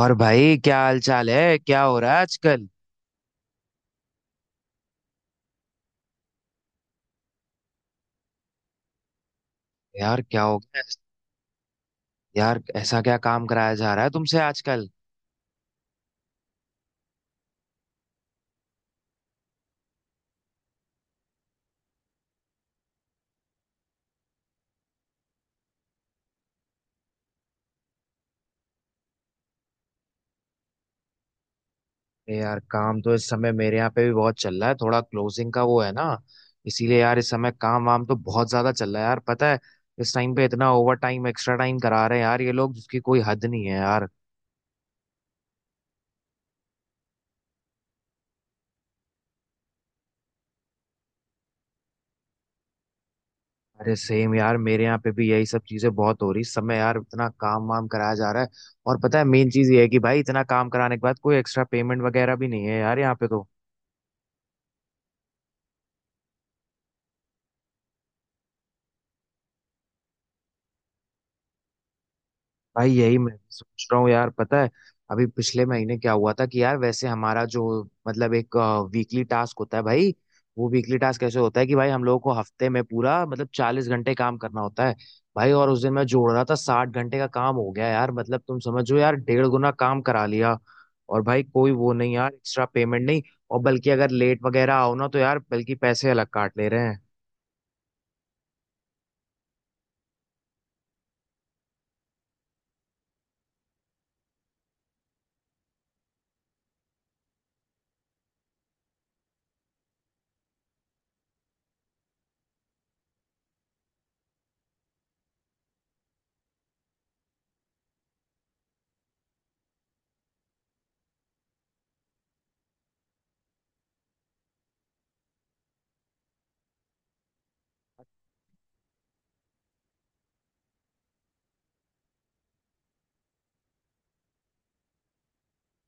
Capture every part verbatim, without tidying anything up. और भाई क्या हाल चाल है, क्या हो रहा है आजकल। यार क्या हो गया। यार ऐसा क्या काम कराया जा रहा है तुमसे आजकल। ए यार काम तो इस समय मेरे यहाँ पे भी बहुत चल रहा है, थोड़ा क्लोजिंग का वो है ना। इसीलिए यार इस समय काम वाम तो बहुत ज्यादा चल रहा है यार, पता है। इस टाइम पे इतना ओवर टाइम एक्स्ट्रा टाइम करा रहे हैं यार ये लोग, जिसकी कोई हद नहीं है यार। अरे सेम यार मेरे यहाँ पे भी यही सब चीजें बहुत हो रही इस समय यार, इतना काम वाम कराया जा रहा है। और पता है मेन चीज ये है कि भाई इतना काम कराने के बाद कोई एक्स्ट्रा पेमेंट वगैरह भी नहीं है यार यहाँ पे तो। भाई यही मैं भी सोच रहा हूँ यार, पता है। अभी पिछले महीने क्या हुआ था कि यार वैसे हमारा जो मतलब एक वीकली टास्क होता है भाई, वो वीकली टास्क कैसे होता है कि भाई हम लोगों को हफ्ते में पूरा मतलब चालीस घंटे काम करना होता है भाई। और उस दिन मैं जोड़ रहा था साठ घंटे का काम हो गया यार, मतलब तुम समझो यार डेढ़ गुना काम करा लिया। और भाई कोई वो नहीं यार, एक्स्ट्रा पेमेंट नहीं। और बल्कि अगर लेट वगैरह आओ ना तो यार बल्कि पैसे अलग काट ले रहे हैं।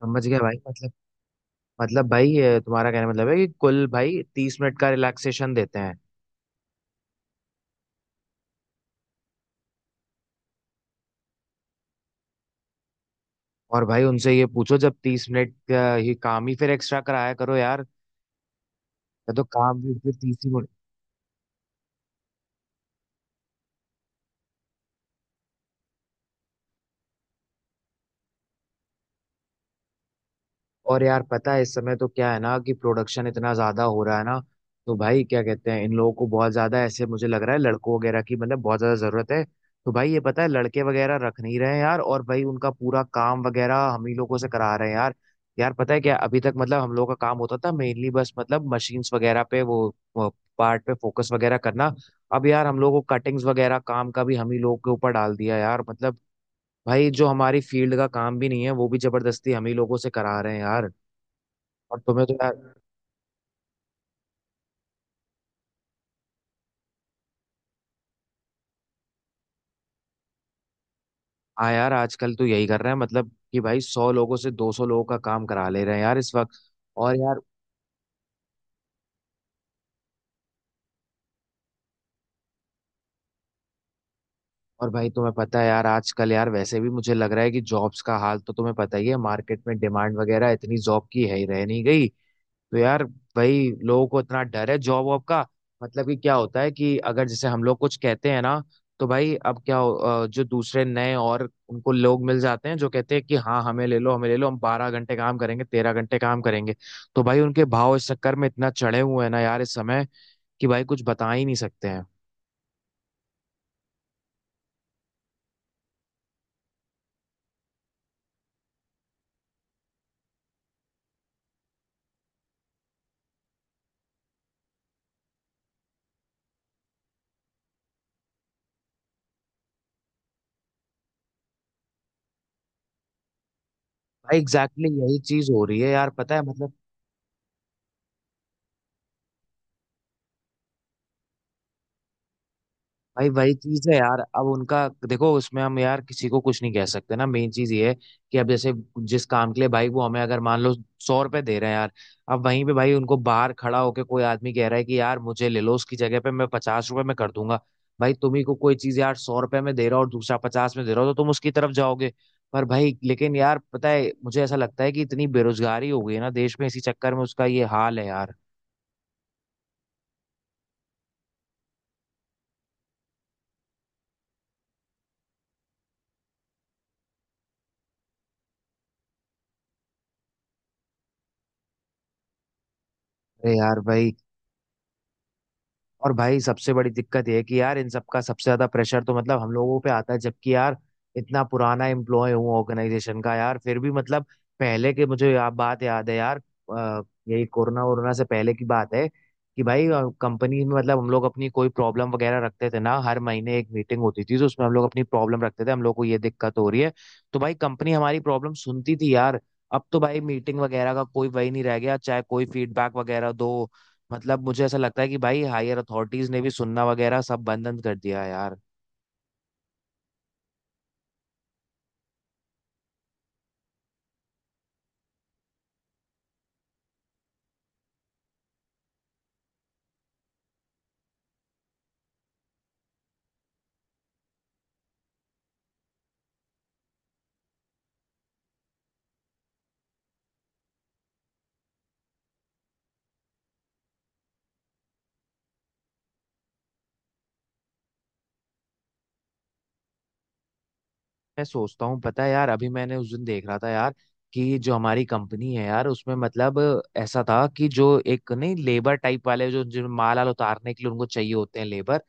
समझ गया भाई, मतलब मतलब भाई ये तुम्हारा कहने का मतलब है कि कुल भाई तीस मिनट का रिलैक्सेशन देते हैं। और भाई उनसे ये पूछो जब तीस मिनट का ही काम ही फिर एक्स्ट्रा कराया करो यार, या तो काम भी फिर तीस ही। और यार पता है इस समय तो क्या है ना कि प्रोडक्शन इतना ज्यादा हो रहा है ना, तो भाई क्या कहते हैं इन लोगों को बहुत ज्यादा ऐसे मुझे लग रहा है लड़कों वगैरह की मतलब बहुत ज्यादा जरूरत है। तो भाई ये पता है लड़के वगैरह रख नहीं रहे हैं यार, और भाई उनका पूरा काम वगैरह हम ही लोगों से करा रहे हैं यार। यार पता है क्या अभी तक मतलब हम लोगों का काम होता था मेनली बस मतलब मशीन्स वगैरह पे वो, वो पार्ट पे फोकस वगैरह करना। अब यार हम लोगों को कटिंग्स वगैरह काम का भी हम ही लोगों के ऊपर डाल दिया यार, मतलब भाई जो हमारी फील्ड का काम भी नहीं है वो भी जबरदस्ती हम ही लोगों से करा रहे हैं यार। और तुम्हें तो यार हाँ यार आजकल तो यही कर रहे हैं मतलब कि भाई सौ लोगों से दो सौ लोगों का काम करा ले रहे हैं यार इस वक्त। और यार और भाई तुम्हें पता है यार आजकल यार वैसे भी मुझे लग रहा है कि जॉब्स का हाल तो तुम्हें पता ही है, मार्केट में डिमांड वगैरह इतनी जॉब की है ही रह नहीं गई। तो यार भाई लोगों को इतना डर है जॉब वॉब का, मतलब कि क्या होता है कि अगर जैसे हम लोग कुछ कहते हैं ना तो भाई अब क्या हो- अ, जो दूसरे नए और उनको लोग मिल जाते हैं जो कहते हैं कि हाँ हमें ले लो हमें ले लो हम बारह घंटे काम करेंगे तेरह घंटे काम करेंगे। तो भाई उनके भाव इस चक्कर में इतना चढ़े हुए हैं ना यार इस समय, कि भाई कुछ बता ही नहीं सकते हैं। भाई एग्जैक्टली exactly यही चीज हो रही है यार पता है मतलब। भाई वही चीज है यार, अब उनका देखो उसमें हम यार किसी को कुछ नहीं कह सकते ना, मेन चीज ये है कि अब जैसे जिस काम के लिए भाई वो हमें अगर मान लो सौ रुपए दे रहे हैं यार, अब वहीं पे भाई उनको बाहर खड़ा होके कोई आदमी कह रहा है कि यार मुझे ले लो उसकी जगह पे मैं पचास रुपए में कर दूंगा। भाई तुम्ही को कोई चीज यार सौ रुपए में दे रहा हो और दूसरा पचास में दे रहा हो तो तुम उसकी तरफ जाओगे। पर भाई लेकिन यार पता है मुझे ऐसा लगता है कि इतनी बेरोजगारी हो गई है ना देश में, इसी चक्कर में उसका ये हाल है यार। अरे यार भाई, और भाई सबसे बड़ी दिक्कत ये है कि यार इन सबका सबसे ज्यादा प्रेशर तो मतलब हम लोगों पे आता है, जबकि यार इतना पुराना एम्प्लॉय हूँ ऑर्गेनाइजेशन का यार, फिर भी मतलब पहले के मुझे या, बात याद है यार। अ, यही कोरोना वोरोना से पहले की बात है कि भाई कंपनी में मतलब हम लोग अपनी कोई प्रॉब्लम वगैरह रखते थे ना, हर महीने एक मीटिंग होती थी तो उसमें हम लोग अपनी प्रॉब्लम रखते थे हम लोग को ये दिक्कत हो रही है, तो भाई कंपनी हमारी प्रॉब्लम सुनती थी यार। अब तो भाई मीटिंग वगैरह का कोई वही नहीं रह गया चाहे कोई फीडबैक वगैरह दो, मतलब मुझे ऐसा लगता है कि भाई हायर अथॉरिटीज ने भी सुनना वगैरह सब बंद बंद कर दिया है यार। मैं सोचता हूँ पता है यार, अभी मैंने उस दिन देख रहा था यार कि जो हमारी कंपनी है यार उसमें मतलब ऐसा था कि जो एक नहीं लेबर टाइप वाले जो जो माल आल उतारने के लिए उनको चाहिए होते हैं लेबर,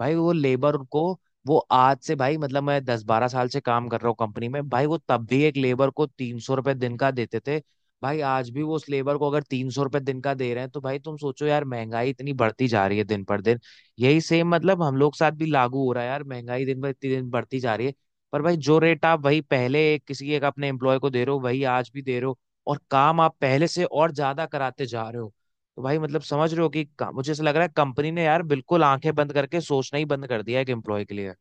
भाई वो लेबर को वो आज से भाई मतलब मैं दस बारह साल से काम कर रहा हूँ कंपनी में, भाई वो तब भी एक लेबर को तीन सौ रुपये दिन का देते थे। भाई आज भी वो उस लेबर को अगर तीन सौ रुपये दिन का दे रहे हैं तो भाई तुम सोचो यार महंगाई इतनी बढ़ती जा रही है दिन पर दिन। यही सेम मतलब हम लोग के साथ भी लागू हो रहा है यार, महंगाई दिन पर इतनी दिन बढ़ती जा रही है। पर भाई जो रेट आप वही पहले एक किसी एक अपने एम्प्लॉय को दे रहे हो वही आज भी दे रहे हो, और काम आप पहले से और ज्यादा कराते जा रहे हो। तो भाई मतलब समझ रहे हो कि का- मुझे ऐसा लग रहा है कंपनी ने यार बिल्कुल आंखें बंद करके सोचना ही बंद कर दिया है एक एम्प्लॉय के लिए।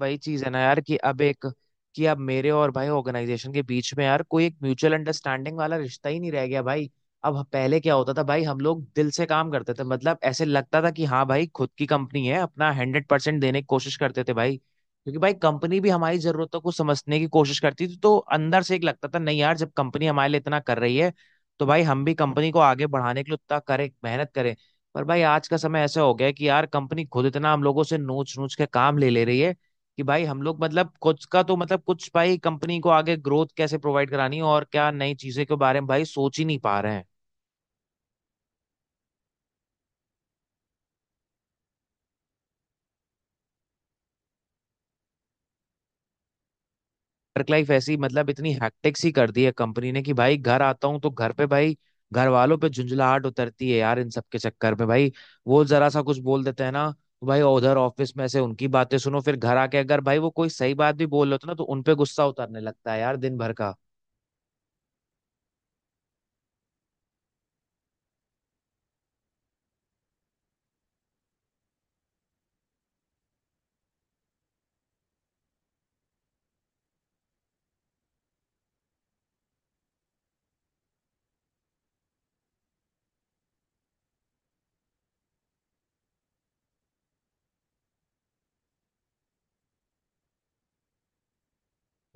वही चीज है ना यार, कि अब एक कि अब मेरे और भाई ऑर्गेनाइजेशन के बीच में यार कोई एक म्यूचुअल अंडरस्टैंडिंग वाला रिश्ता ही नहीं रह गया भाई। अब पहले क्या होता था भाई हम लोग दिल से काम करते थे, मतलब ऐसे लगता था कि हाँ भाई खुद की कंपनी है, अपना हंड्रेड परसेंट देने की कोशिश करते थे भाई, क्योंकि भाई कंपनी भी हमारी जरूरतों को समझने की कोशिश करती थी, तो अंदर से एक लगता था नहीं यार जब कंपनी हमारे लिए इतना कर रही है तो भाई हम भी कंपनी को आगे बढ़ाने के लिए उतना करें, मेहनत करें। पर भाई आज का समय ऐसा हो गया है कि यार कंपनी खुद इतना हम लोगों से नोच नोच के काम ले ले रही है कि भाई हम लोग मतलब कुछ का तो मतलब कुछ भाई कंपनी को आगे ग्रोथ कैसे प्रोवाइड करानी है और क्या नई चीजें के बारे में भाई सोच ही नहीं पा रहे हैं। वर्क लाइफ ऐसी मतलब इतनी हैक्टिक सी कर दी है कंपनी ने कि भाई घर आता हूँ तो घर पे भाई घर वालों पे झुंझलाहट उतरती है यार, इन सब के चक्कर में भाई वो जरा सा कुछ बोल देते हैं ना तो भाई उधर ऑफिस में से उनकी बातें सुनो फिर घर आके अगर भाई वो कोई सही बात भी बोल रहे हो ना तो उनपे गुस्सा उतरने लगता है यार दिन भर का।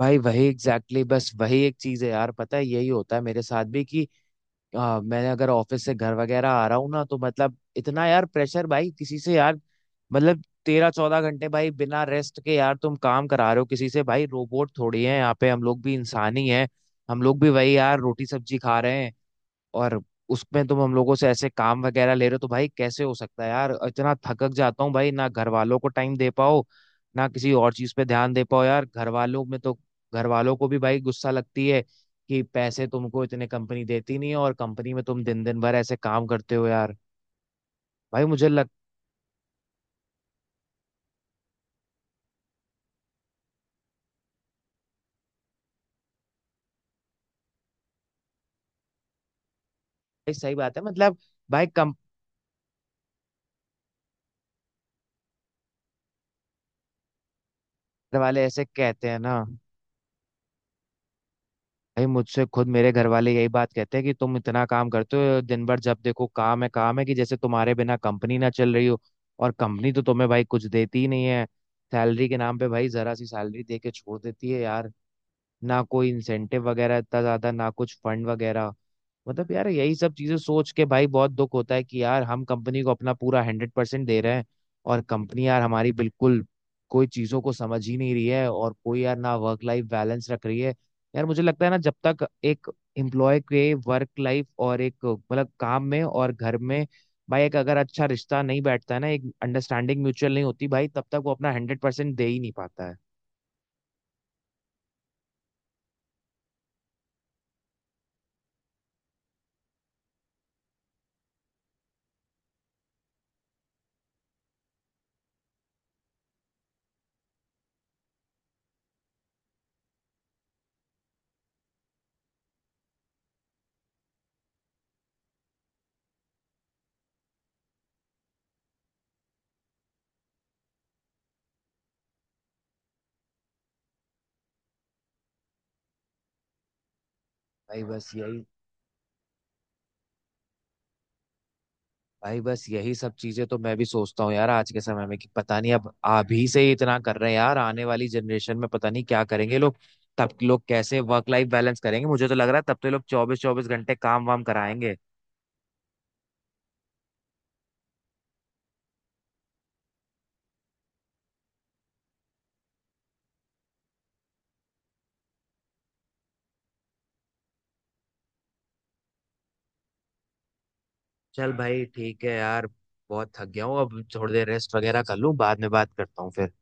भाई वही एग्जैक्टली exactly, बस वही एक चीज है यार, पता है यही होता है मेरे साथ भी कि आ, मैंने अगर ऑफिस से घर वगैरह आ रहा हूँ ना तो मतलब इतना यार प्रेशर भाई किसी से यार, मतलब तेरह चौदह घंटे भाई बिना रेस्ट के यार तुम काम करा रहे हो किसी से, भाई रोबोट थोड़ी है, यहाँ पे हम लोग भी इंसान ही हैं। हम लोग भी वही यार रोटी सब्जी खा रहे हैं, और उसमें तुम हम लोगों से ऐसे काम वगैरह ले रहे हो, तो भाई कैसे हो सकता है यार, इतना थकक जाता हूँ भाई, ना घर वालों को टाइम दे पाओ ना किसी और चीज पे ध्यान दे पाओ यार, घर वालों में तो घर वालों को भी भाई गुस्सा लगती है कि पैसे तुमको इतने कंपनी देती नहीं है और कंपनी में तुम दिन दिन भर ऐसे काम करते हो यार। भाई मुझे लगता है सही बात है मतलब। भाई कंपनी वाले ऐसे कहते हैं ना, भाई मुझसे खुद मेरे घर वाले यही बात कहते हैं कि तुम इतना काम करते हो दिन भर, जब देखो काम है काम है, कि जैसे तुम्हारे बिना कंपनी ना चल रही हो, और कंपनी तो तुम्हें भाई कुछ देती ही नहीं है। सैलरी के नाम पे भाई जरा सी सैलरी दे के छोड़ देती है यार, ना कोई इंसेंटिव वगैरह इतना ज्यादा ना कुछ फंड वगैरह। मतलब यार यही सब चीजें सोच के भाई बहुत दुख होता है कि यार हम कंपनी को अपना पूरा हंड्रेड परसेंट दे रहे हैं, और कंपनी यार हमारी बिल्कुल कोई चीजों को समझ ही नहीं रही है और कोई यार ना वर्क लाइफ बैलेंस रख रही है। यार मुझे लगता है ना जब तक एक एम्प्लॉय के वर्क लाइफ और एक मतलब काम में और घर में भाई एक अगर अच्छा रिश्ता नहीं बैठता है ना, एक अंडरस्टैंडिंग म्यूचुअल नहीं होती, भाई तब तक वो अपना हंड्रेड परसेंट दे ही नहीं पाता है। भाई बस यही भाई बस यही सब चीजें तो मैं भी सोचता हूँ यार आज के समय में, कि पता नहीं अब अभी से ही इतना कर रहे हैं यार आने वाली जनरेशन में पता नहीं क्या करेंगे लोग। तब लोग कैसे वर्क लाइफ बैलेंस करेंगे, मुझे तो लग रहा है तब तो लोग चौबीस चौबीस घंटे काम वाम कराएंगे। चल भाई ठीक है यार, बहुत थक गया हूँ अब थोड़ी देर रेस्ट वगैरह कर लूँ, बाद में बात करता हूँ फिर।